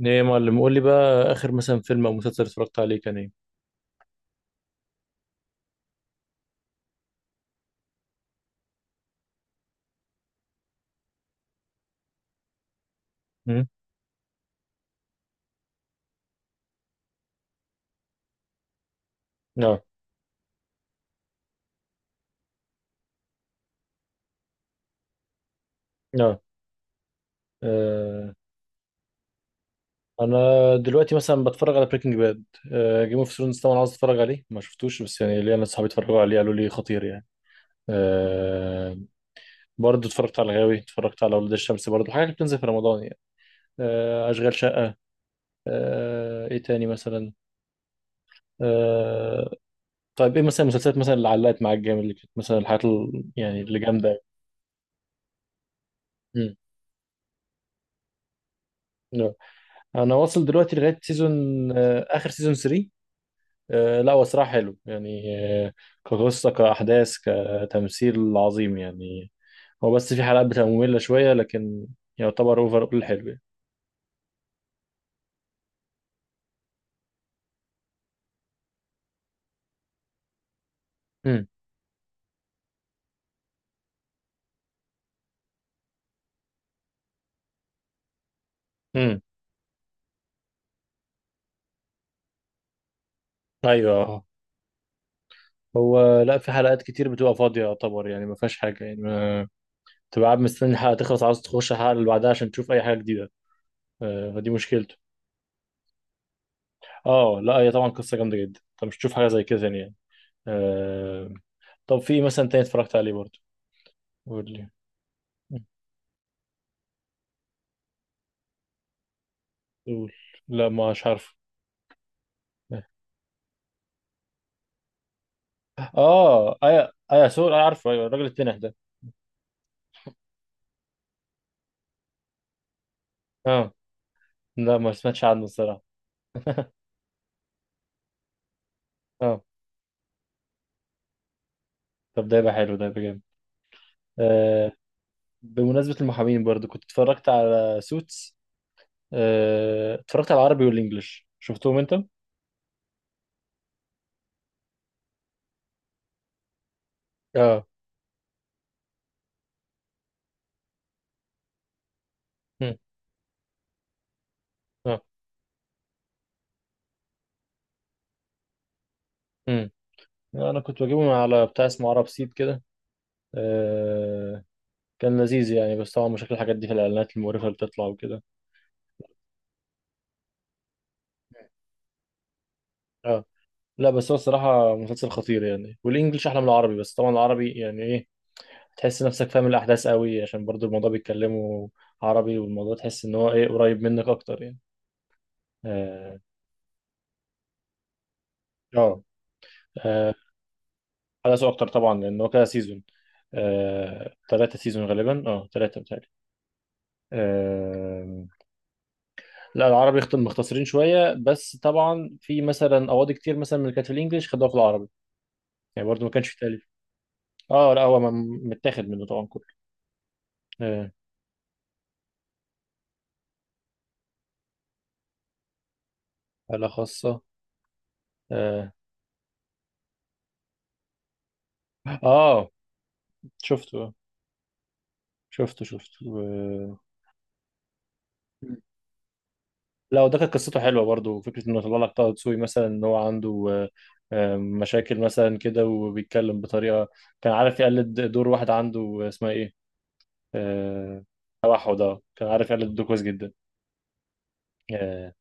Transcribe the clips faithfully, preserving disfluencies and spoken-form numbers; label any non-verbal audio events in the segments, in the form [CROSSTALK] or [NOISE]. ايه يا معلم، قول لي بقى اخر مثلا فيلم او مسلسل اتفرجت عليه كان ايه؟ امم. نعم. نعم. آه. انا دلوقتي مثلا بتفرج على بريكنج باد. آه، جيم اوف ثرونز طبعا عاوز اتفرج عليه ما شفتوش، بس يعني ليا ناس صحابي اتفرجوا عليه قالوا لي خطير يعني. آه، برضه اتفرجت على الغاوي، اتفرجت على ولاد الشمس، برضه حاجات بتنزل في رمضان يعني. آه، اشغال شقة. آه، ايه تاني مثلا؟ آه. طيب ايه مثلا المسلسلات مثلا اللي علقت معاك جامد، اللي كانت مثلا الحاجات ال- يعني اللي جامدة. مم. انا واصل دلوقتي لغايه سيزون، آه، اخر سيزون ثلاثة. آه، لا هو صراحه حلو يعني. آه، كقصه كاحداث كتمثيل عظيم يعني. هو بس في حلقات بتبقى ممله شويه، لكن يعتبر اوفر اول حلو يعني. امم. امم. ايوه. هو لا، في حلقات كتير بتبقى فاضيه يعتبر يعني، ما فيهاش حاجه يعني، ما تبقى قاعد مستني الحلقه تخلص عاوز تخش الحلقه اللي بعدها عشان تشوف اي حاجه جديده. آه، فدي مشكلته. اه، لا هي طبعا قصه جامده جدا، انت مش تشوف حاجه زي كده تاني يعني. آه. طب في إيه مثلا تاني اتفرجت عليه برضه؟ قول لي. قول. لا مش عارف. اه، ايا ايا سور، انا عارفه، ايوه الراجل التنح ده. اه لا، ما سمعتش عنه الصراحه. [LAUGHS] اه. طب ده يبقى حلو، ده يبقى جامد. آه. بمناسبة المحامين برضو كنت اتفرجت على سوتس. آه، اتفرجت على العربي والانجليش، شفتهم انت؟ اه. مم. اه. مم. انا كنت بجيبهم على بتاع اسمه عرب سيد كده. آه، كان لذيذ يعني، بس طبعا مشاكل الحاجات دي في الاعلانات المقرفة اللي بتطلع وكده. اه، لا بس هو الصراحة مسلسل خطير يعني، والإنجليش أحلى من العربي، بس طبعا العربي يعني إيه، تحس نفسك فاهم الأحداث قوي عشان برضو الموضوع بيتكلموا عربي، والموضوع تحس إن هو إيه قريب منك أكتر يعني. آه. آه. آه، أحداثه أكتر طبعا لأن هو كده سيزون. آه، تلاتة سيزون غالبا، أه تلاتة بتهيألي. آه، لا العربي اخت- مختصرين شوية، بس طبعا في مثلا أواضي كتير مثلا من اللي كانت في الإنجليش خدوها في العربي، يعني برضو ما كانش في تأليف. أه لا هو م- متاخد منه طبعا كله. آه، حالة خاصة. آه. اه. شفته. شفته شفته و- لا وده كانت قصته حلوه برضو، فكره انه طلع لك طه دسوقي مثلا ان هو عنده آه، آه، مشاكل مثلا كده وبيتكلم بطريقه، كان عارف يقلد دور واحد عنده، اسمها ايه؟ آه. توحد. اه كان عارف يقلد دور كويس جدا. آه،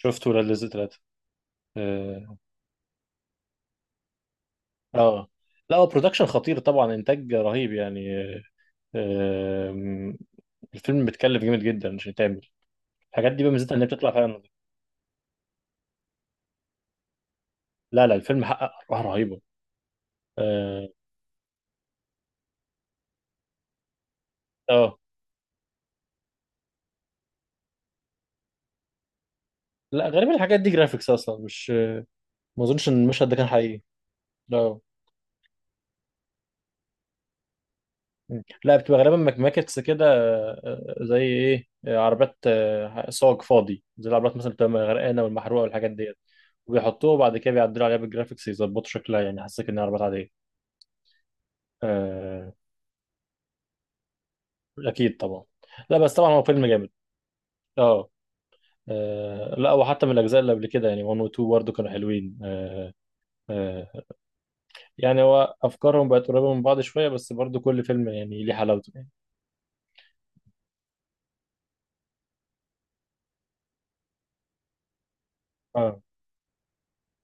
شفته ولاد رزق ثلاثه. اه. آه، لا هو برودكشن خطير طبعا، انتاج رهيب يعني. آه، آه، الفيلم بيتكلف جامد جدا عشان يتعمل، الحاجات دي بقى ميزتها ان هي بتطلع فعلا نظيفة. لا لا، الفيلم حقق ارباح رهيبه. اه. آه، لا غالبا الحاجات دي جرافيكس اصلا، مش ما اظنش ان المشهد ده كان حقيقي. لا. مم. لا بتبقى غالبا ماكماكتس كده، آه، آه، زي ايه، آه، عربيات، آه، صاج فاضي زي العربيات مثلا بتبقى غرقانه والمحروقه والحاجات ديت، وبيحطوه وبعد كده بيعدلوا عليها بالجرافيكس يظبطوا شكلها، يعني حسيت انها عربيات عاديه. آه. اكيد طبعا. لا بس طبعا هو فيلم جامد. اه. آه، لا وحتى من الاجزاء اللي قبل كده يعني واحد و اتنين برضه كانوا حلوين. آه. آه. يعني هو افكارهم بقت قريبه من بعض شويه، بس برضو كل فيلم يعني ليه حلاوته يعني. اه.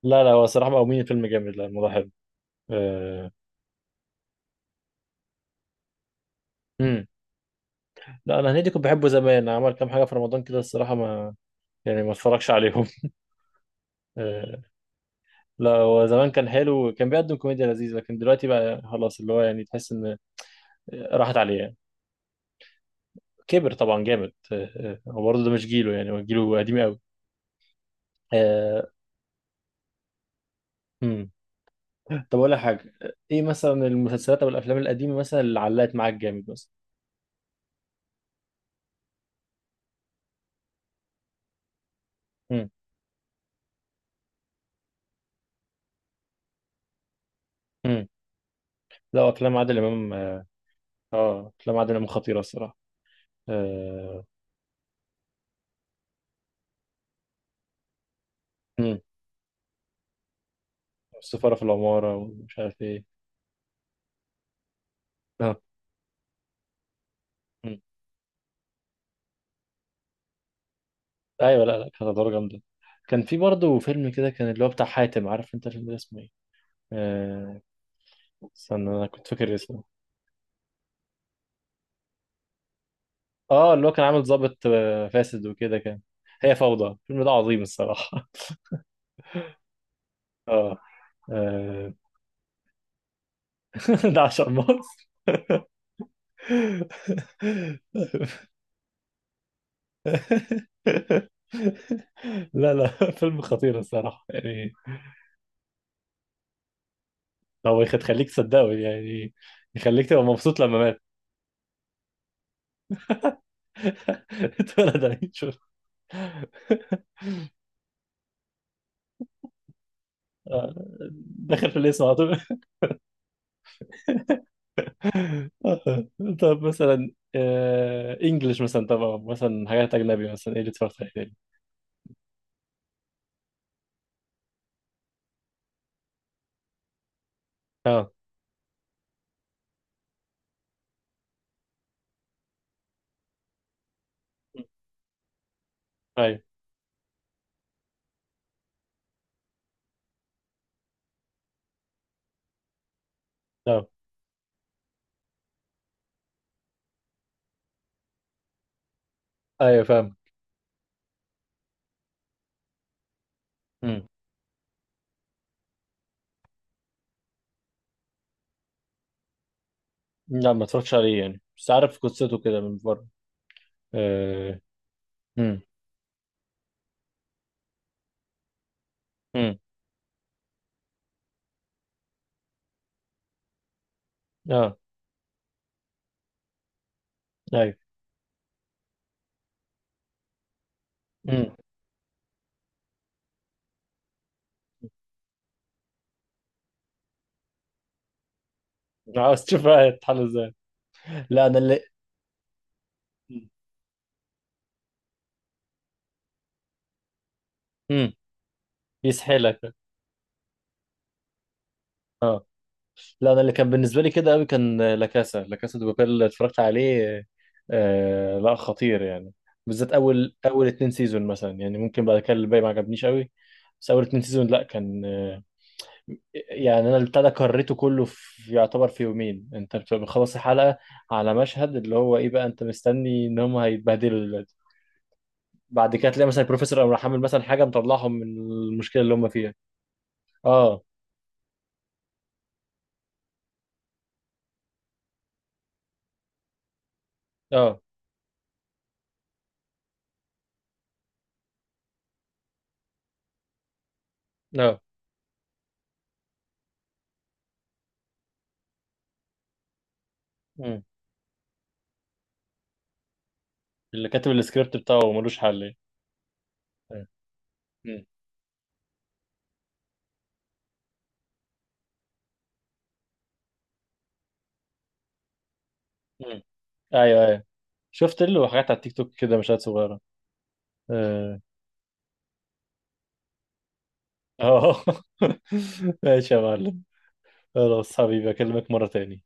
لا لا، هو صراحه مقومين الفيلم جامد، لا الموضوع حلو. آه. امم. لا انا هنيدي كنت بحبه زمان، عمل كام حاجه في رمضان كده الصراحه، ما يعني ما اتفرجش عليهم. [LAUGHS] آه. لا هو زمان كان حلو، كان بيقدم كوميديا لذيذه، لكن دلوقتي بقى خلاص، اللي هو يعني تحس ان راحت عليه يعني. كبر طبعا جامد. آه. آه، هو برضه ده مش جيله، يعني هو جيله قديم قوي. آه. امم. طب اقول لك حاجه، ايه مثلا المسلسلات او الافلام القديمه مثلا اللي علقت معاك جامد مثلا؟ امم. لا، افلام عادل امام. اه افلام عادل امام خطيره الصراحه. آه. مم. السفاره في العماره ومش عارف ايه. اه. مم. ايوه. لا لا، كانت ادوار جامده. كان في برضه فيلم كده كان اللي هو بتاع حاتم، عارف انت الفيلم ده اسمه ايه؟ آه، استنى انا كنت فاكر اسمه. اه، اللي هو كان عامل ضابط آه، فاسد وكده كان. هي فوضى، الفيلم ده عظيم الصراحه. [LAUGHS] اه. آه. [LAUGHS] ده عشان مصر. [LAUGHS] لا لا، فيلم خطير الصراحة يعني. هو يخ- يخليك تصدقه يعني، يخليك تبقى مبسوط لما مات. [LAUGHS] اتولد عليه، شوف. آه، دخل في الاسم على طول. [LAUGHS] آه. طب مثلا انجلش مثلا، طبعا مثلا حاجات اجنبي مثلا ايه اللي اتفرجت عليه تاني؟ اه. ايوه. اه ايوه فاهم. مم. لا ما اتفرجتش عليه يعني، بس عارف قصته كده من بره. آه. مم. مم. اه. ايوه. مم. عاوز تشوف بقى هيتحل ازاي. لا انا اللي. مم. يسحلك. اه، لا انا اللي كان بالنسبه لي كده قوي كان لاكاسا، لاكاسا دي بابيل اللي اتفرجت عليه. آه، لا خطير يعني، بالذات اول اول اتنين سيزون مثلا، يعني ممكن بعد كده الباقي ما عجبنيش قوي. بس اول اتنين سيزون لا كان آه، يعني انا البتاع ده كريته كله في يعتبر في يومين، انت بتبقى بتخلص الحلقه على مشهد اللي هو ايه بقى، انت مستني ان هم هيتبهدلوا دلوقتي، بعد كده تلاقي مثلا البروفيسور او حامل مثلا حاجه مطلعهم من المشكله اللي هم فيها. اه. اه. اه. مم. اللي كاتب السكريبت بتاعه ملوش حل يعني. مم. مم. ايوه ايوه. شفت له حاجات على التيك توك كده، مشاهد صغيره. اه. آه. [LAUGHS] ماشي يا معلم، خلاص حبيبي، اكلمك مره تاني.